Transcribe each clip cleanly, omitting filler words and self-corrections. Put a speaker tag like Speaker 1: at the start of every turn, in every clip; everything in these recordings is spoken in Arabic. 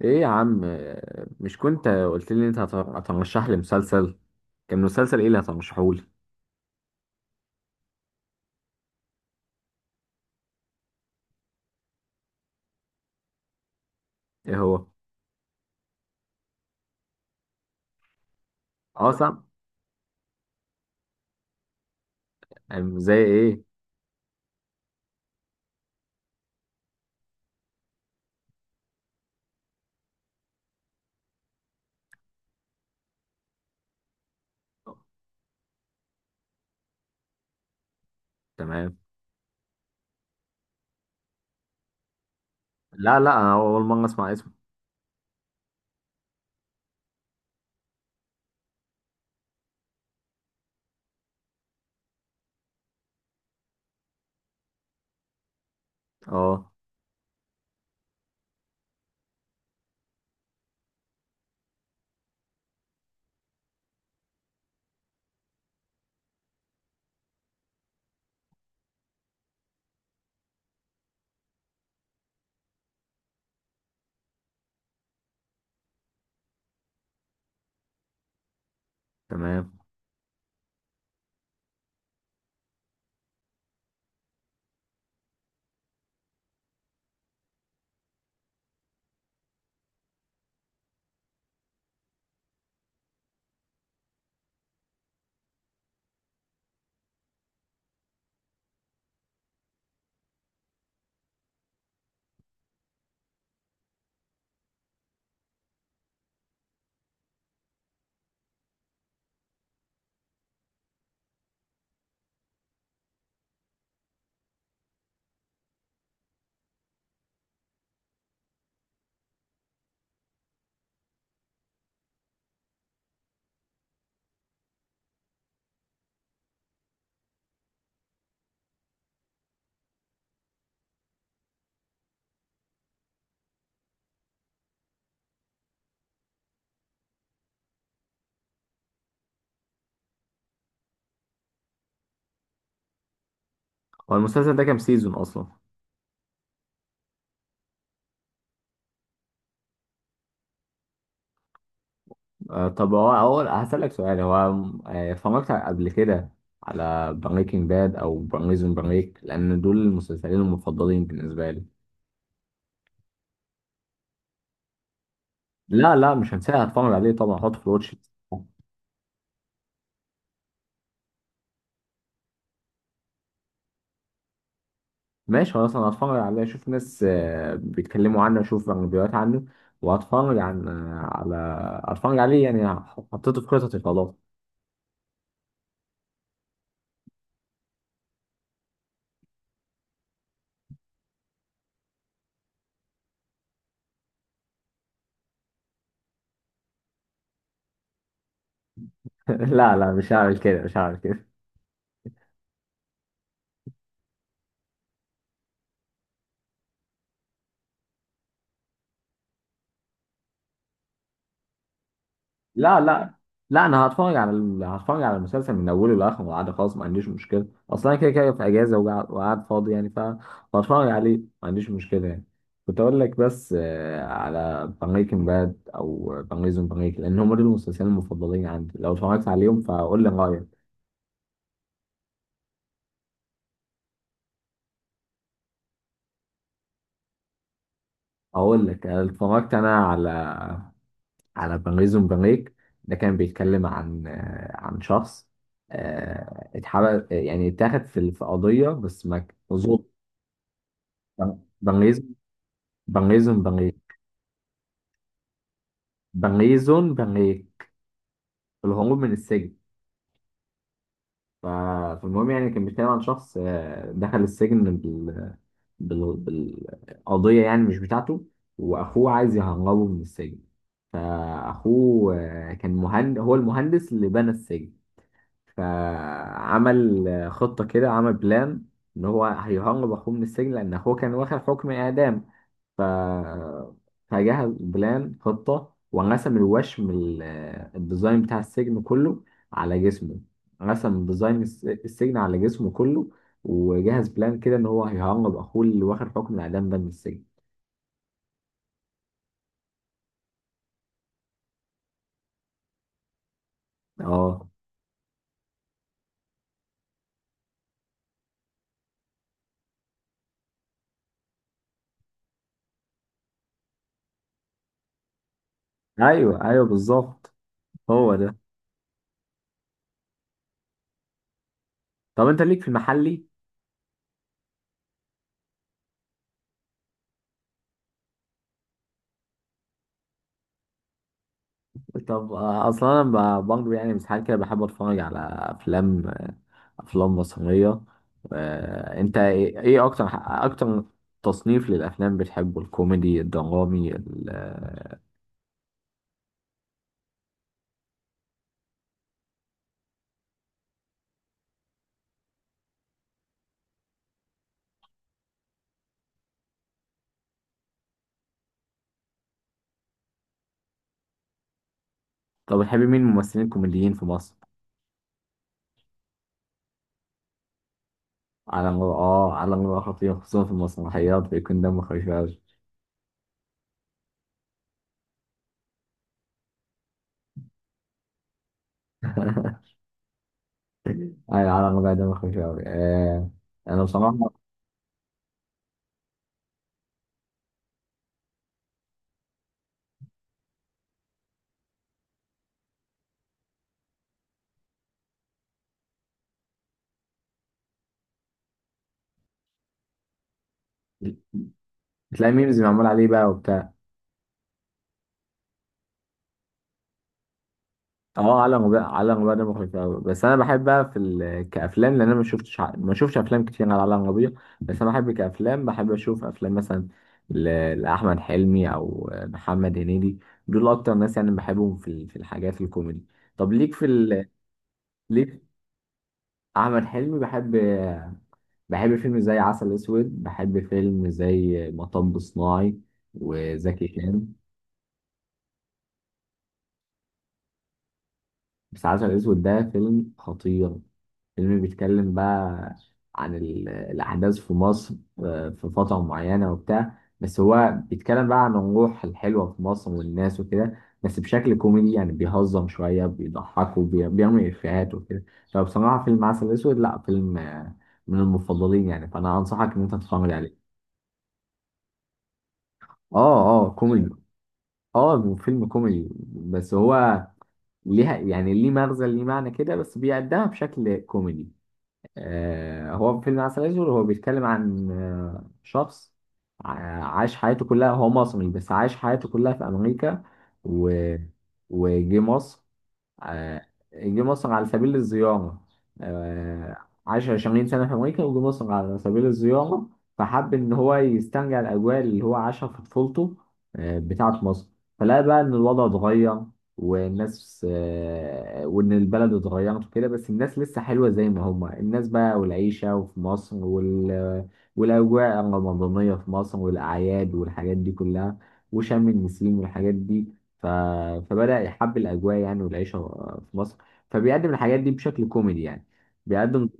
Speaker 1: ايه يا عم؟ مش كنت قلت لي انت هترشح لي مسلسل؟ كان مسلسل ايه اللي هترشحه لي؟ ايه هو؟ اه سام. زي ايه؟ تمام. لا لا، انا اول مره اسمع اسمه. اه تمام. هو المسلسل ده كام سيزون اصلا؟ آه طب، هو اول هسألك سؤال. هو اتفرجت قبل كده على بريكنج باد او بريزون بريك، لان دول المسلسلين المفضلين بالنسبه لي. لا لا، مش هنساها، هتفرج عليه طبعا، هحطه في الواتش. ماشي خلاص، انا هتفرج عليه، اشوف ناس بيتكلموا عنه، اشوف فيديوهات عنه، وهتفرج عن آه، على هتفرج عليه يعني، حطيته في خططي خلاص. لا لا، مش هعمل كده، مش هعمل كده. لا لا لا، انا هتفرج على هتفرج على المسلسل من اوله لاخره، عادي خلاص. ما عنديش مشكله، اصلا انا كده كده في اجازه وقاعد وقاعد فاضي يعني، فهتفرج عليه، ما عنديش مشكله يعني. كنت اقول لك بس على بريكنج باد او بريزون بريك، لان هم دول المسلسلين المفضلين عندي. لو اتفرجت عليهم فقول لي رايك. اقول لك، أنا اتفرجت انا على على بنغيزو بنغيك. ده كان بيتكلم عن عن شخص اتحبس يعني، اتاخد في قضيه بس ما ك- ظلم. بنغيزو. بنغيك. بنغيزو بنغيك، الهروب من السجن. ف- فالمهم يعني، كان بيتكلم عن شخص دخل السجن بالقضيه يعني مش بتاعته، واخوه عايز يهربه من السجن. فاخوه كان مهندس، هو المهندس اللي بنى السجن. فعمل خطة كده، عمل بلان إن هو هيهرب أخوه من السجن، لأن أخوه كان واخد حكم إعدام. ف فجهز بلان، خطة، ورسم الوشم الديزاين بتاع السجن كله على جسمه. رسم ديزاين السجن على جسمه كله، وجهز بلان كده إن هو هيهرب أخوه اللي واخد حكم الإعدام ده من السجن. اه أيوه، أيوه بالظبط، هو ده. طب أنت ليك في المحلي؟ طب اصلا انا برضه يعني ساعات كده بحب اتفرج على افلام، افلام مصريه. انت إيه اكتر اكتر تصنيف للافلام بتحبه؟ الكوميدي، الدرامي، طب بتحب مين الممثلين الكوميديين في مصر؟ على مر. اه، على مر خطير، خصوصا في المسرحيات بيكون دمه خفيف قوي. على مر دمه خفيف قوي. انا بصراحه، بتلاقي ميمز معمول عليه بقى وبتاع. اه عالم غير، عالم غير، ده مخيف قوي. بس انا بحب بقى كافلام، لان انا ما شفتش افلام كتير على عالم غبية. بس انا بحب كافلام، بحب اشوف افلام مثلا ل... لاحمد حلمي او محمد هنيدي. دول اكتر ناس يعني بحبهم في الحاجات الكوميدي. طب ليك احمد حلمي بحب. بحب فيلم زي عسل اسود، بحب فيلم زي مطب صناعي، وزكي شان. بس عسل اسود ده فيلم خطير، فيلم بيتكلم بقى عن الأحداث في مصر في فترة معينة وبتاع. بس هو بيتكلم بقى عن الروح الحلوة في مصر والناس وكده، بس بشكل كوميدي يعني، بيهزم شوية، بيضحك وبيعمل إفيهات وكده. فبصراحة فيلم عسل أسود، لأ فيلم من المفضلين يعني، فأنا أنصحك إن أنت تتفرج عليه. اه اه كوميدي. اه فيلم كوميدي، بس هو ليها يعني، ليه مغزى، ليه معنى كده، بس بيقدمها بشكل كوميدي. هو فيلم عسل اسود هو بيتكلم عن شخص عاش حياته كلها، هو مصري بس عاش حياته كلها في امريكا، و... وجه مصر. آه، جه مصر على سبيل الزيارة. آه، عاش 20 سنة في أمريكا وجه مصر على سبيل الزيارة. فحب إن هو يسترجع الأجواء اللي هو عاشها في طفولته، بتاعة مصر. فلقى بقى إن الوضع اتغير، والناس وإن البلد اتغيرت وكده، بس الناس لسه حلوة زي ما هما الناس بقى، والعيشة وفي مصر والأجواء الرمضانية في مصر، والأعياد والحاجات دي كلها، وشم النسيم والحاجات دي. ف... فبدأ يحب الأجواء يعني، والعيشة في مصر. فبيقدم الحاجات دي بشكل كوميدي يعني، بيقدم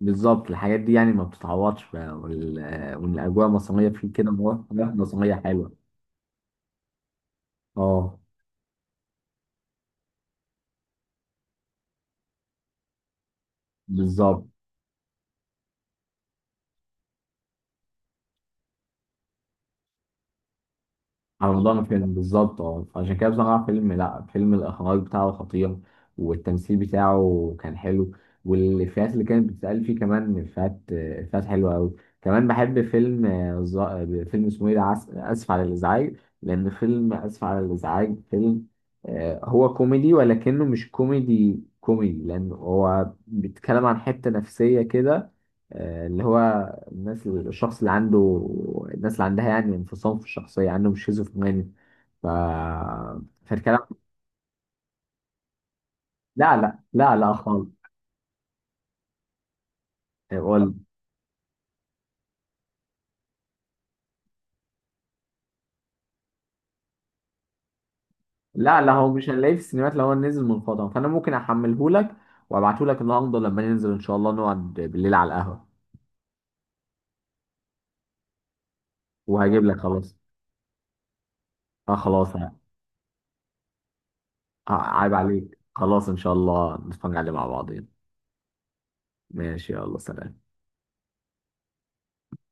Speaker 1: بالظبط. الحاجات دي يعني ما بتتعوضش بقى، والأجواء المصرية، في كده مواقف مصرية حلوة. اه بالظبط، على مدار الفيلم، بالظبط. اه عشان كده بصراحة، فيلم، لا، فيلم الإخراج بتاعه خطير، والتمثيل بتاعه كان حلو، والإفيهات اللي كانت بتتقال فيه كمان، إفيهات حلوة أوي. كمان بحب فيلم فيلم اسمه إيه ده؟ آسف على الإزعاج. لأن فيلم آسف على الإزعاج، فيلم هو كوميدي ولكنه مش كوميدي كوميدي، لأن هو بيتكلم عن حتة نفسية كده اللي هو الناس، الشخص اللي عنده، الناس اللي عندها يعني انفصام في الشخصية، عندهم شيزوفرينيا. ف فالكلام، لا لا لا لا خالص. يقول، لا لا، هو مش هنلاقيه في السينمات. لو هو نزل منقطع فأنا ممكن أحمله لك وأبعته لك النهاردة، لما ننزل إن شاء الله نقعد بالليل على القهوة، وهجيب لك خلاص. أه خلاص، عيب عليك! خلاص إن شاء الله نتفرج عليه مع بعضين. ماشي، يلا سلام.